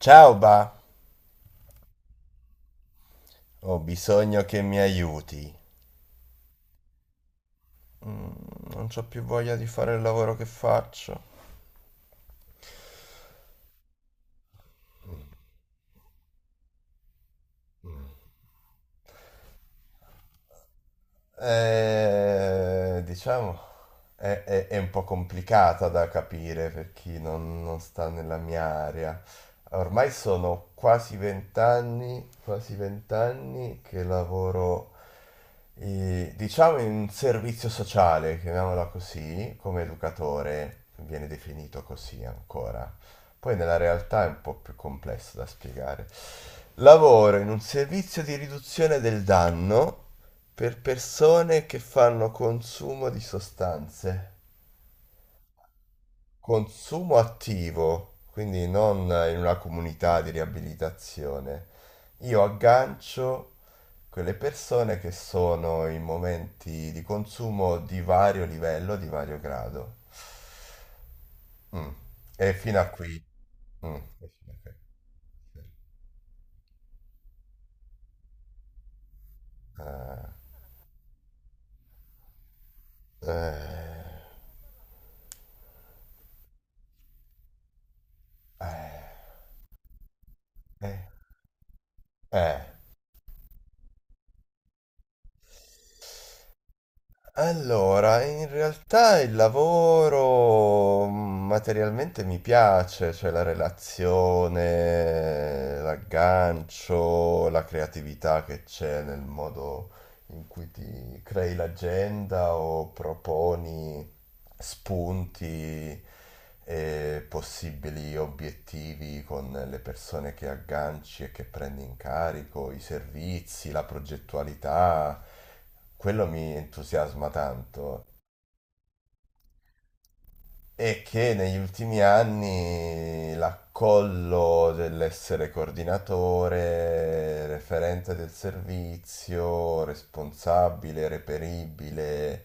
Ciao ba, ho bisogno che mi aiuti. Per il lavoro che ho. Diciamo, è un po' complicata da capire per chi non sta nella mia area. Ormai sono quasi vent'anni che lavoro, diciamo, in un servizio sociale, chiamiamola così, come educatore, viene definito così ancora. Poi nella realtà è un po' più complesso da spiegare. Lavoro in un servizio di riduzione del danno per persone che fanno consumo di sostanze. Consumo attivo, quindi non in una comunità di riabilitazione. Io aggancio quelle persone che sono in momenti di consumo di vario livello, di vario grado. Mm. E fino a qui. Mm. E fino a qui. Eh, eh, eh, eh. Allora, in realtà il lavoro materialmente mi piace, cioè la relazione, l'aggancio, la creatività che c'è nel modo in cui ti crei l'agenda o proponi spunti e possibili obiettivi con le persone che agganci e che prendi in carico, i servizi, la progettualità. Quello mi entusiasma tanto e che negli ultimi anni l'accollo dell'essere coordinatore, referente del servizio, responsabile, reperibile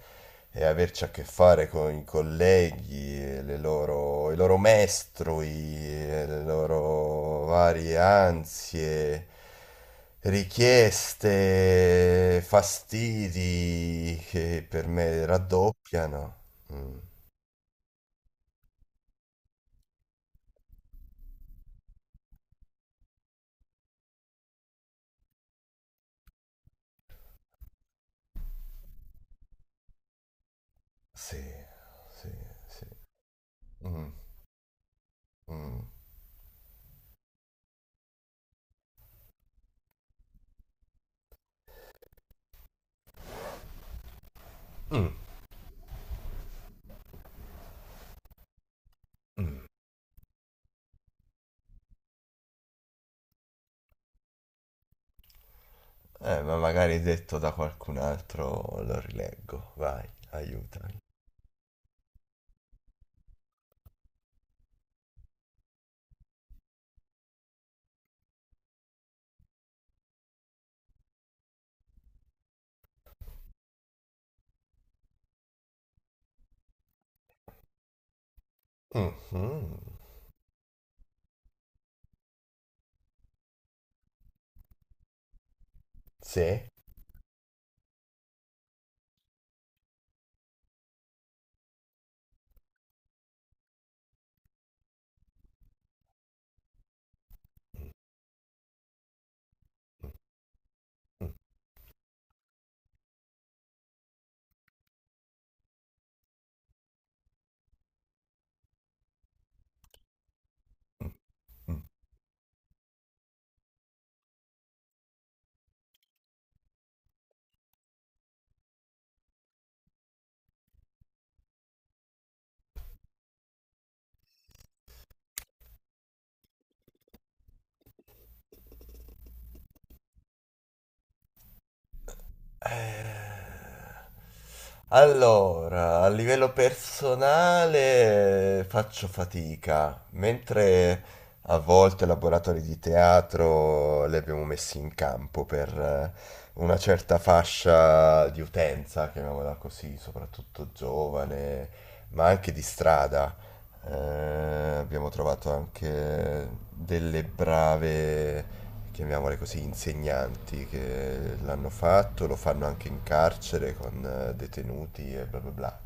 e averci a che fare con i colleghi, e le loro, i loro mestrui, e le loro varie ansie, richieste, fastidi che per me raddoppiano. Mm, sì. Sì, sì. Mm, mm, mm, mm. Ma magari detto da qualcun altro lo rileggo. Vai, aiutami. Mhm, sì. Mm, mm, mm, mm, mm. Eh, Allora, a livello personale faccio fatica, mentre a volte laboratori di teatro li abbiamo messi in campo per una certa fascia di utenza, chiamiamola così, soprattutto giovane, ma anche di strada. Abbiamo trovato anche delle brave, chiamiamole così, insegnanti che l'hanno fatto, lo fanno anche in carcere con detenuti e bla bla bla.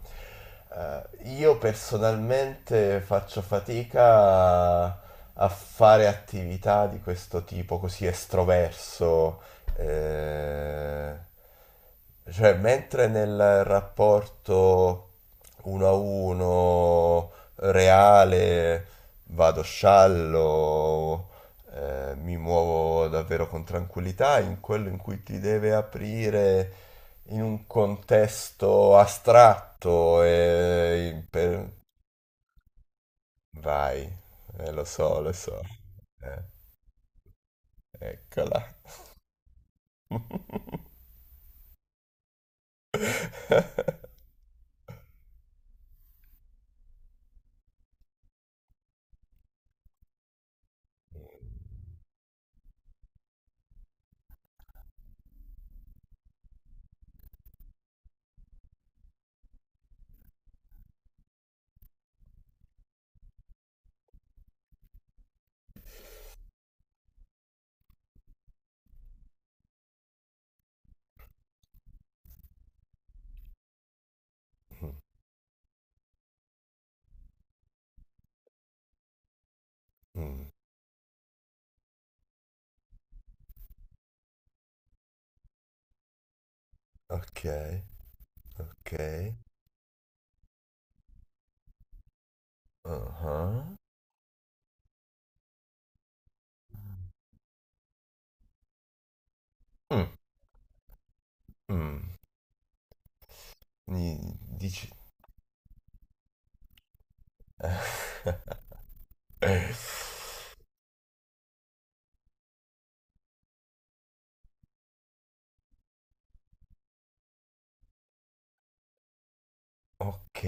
Io personalmente faccio fatica a, a fare attività di questo tipo così estroverso. eh, cioè, mentre nel rapporto uno a uno reale, vado sciallo, mi muovo davvero con tranquillità, in quello in cui ti deve aprire in un contesto astratto. Vai, lo so, lo so. Eh, eccola. Mm, mm, ok, ok, uh-huh. Mm, mm, mi dici... Ok.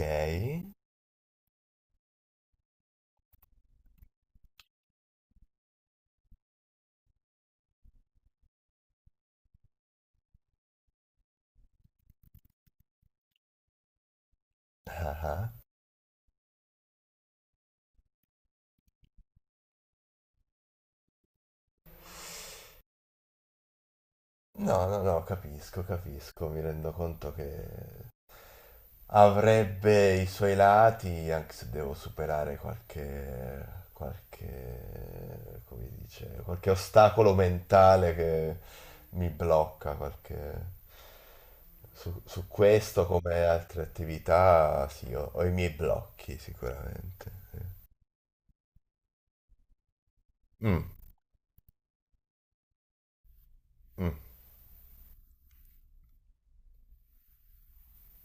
Ah ah. No, no, no, capisco, capisco, mi rendo conto che avrebbe i suoi lati, anche se devo superare qualche, come si dice, qualche ostacolo mentale che mi blocca, qualche... Su questo, come altre attività, sì, ho i miei blocchi sicuramente. Sì. Mm, mm,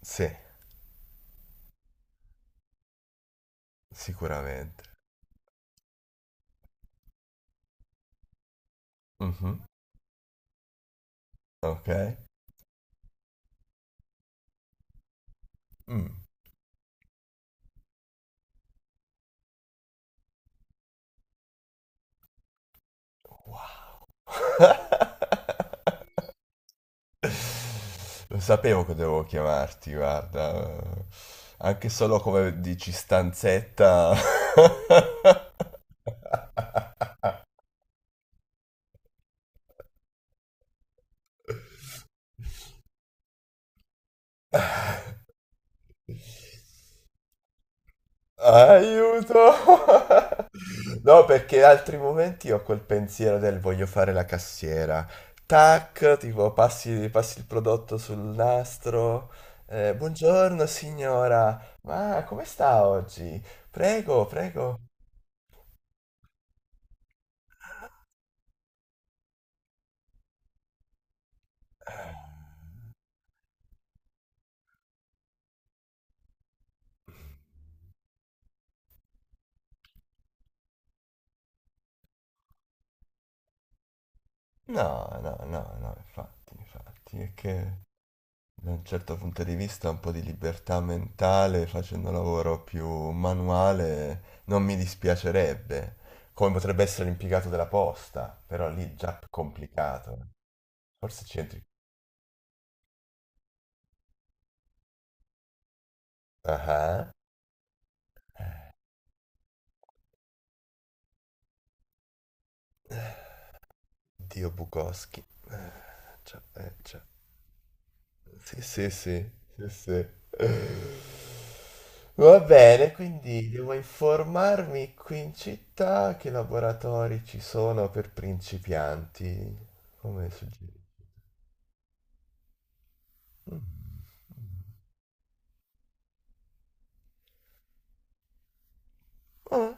sì, sicuramente. Mhm, ok. Mm. Wow. Lo sapevo che dovevo chiamarti, guarda. Anche solo come dici stanzetta. Aiuto! No, perché altri momenti ho quel pensiero del voglio fare la cassiera. Tac, tipo passi, passi il prodotto sul nastro. Buongiorno signora, ma come sta oggi? Prego, prego. No, no, no, no, infatti, infatti, è che da un certo punto di vista un po' di libertà mentale facendo un lavoro più manuale non mi dispiacerebbe, come potrebbe essere l'impiegato della posta, però lì già più complicato. Forse c'entri... Ah, ah. Eh, Dio Bukowski. Eh, già, già. Sì, sì, sì, sì, sì. Va bene, quindi devo informarmi qui in città che laboratori ci sono per principianti, come suggerito. Mm. Mm.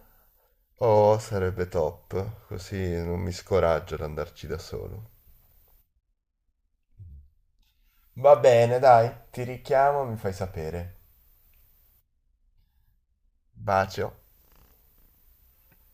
Oh, sarebbe top, così non mi scoraggio ad andarci da solo. Va bene, dai, ti richiamo, mi fai sapere. Bacio.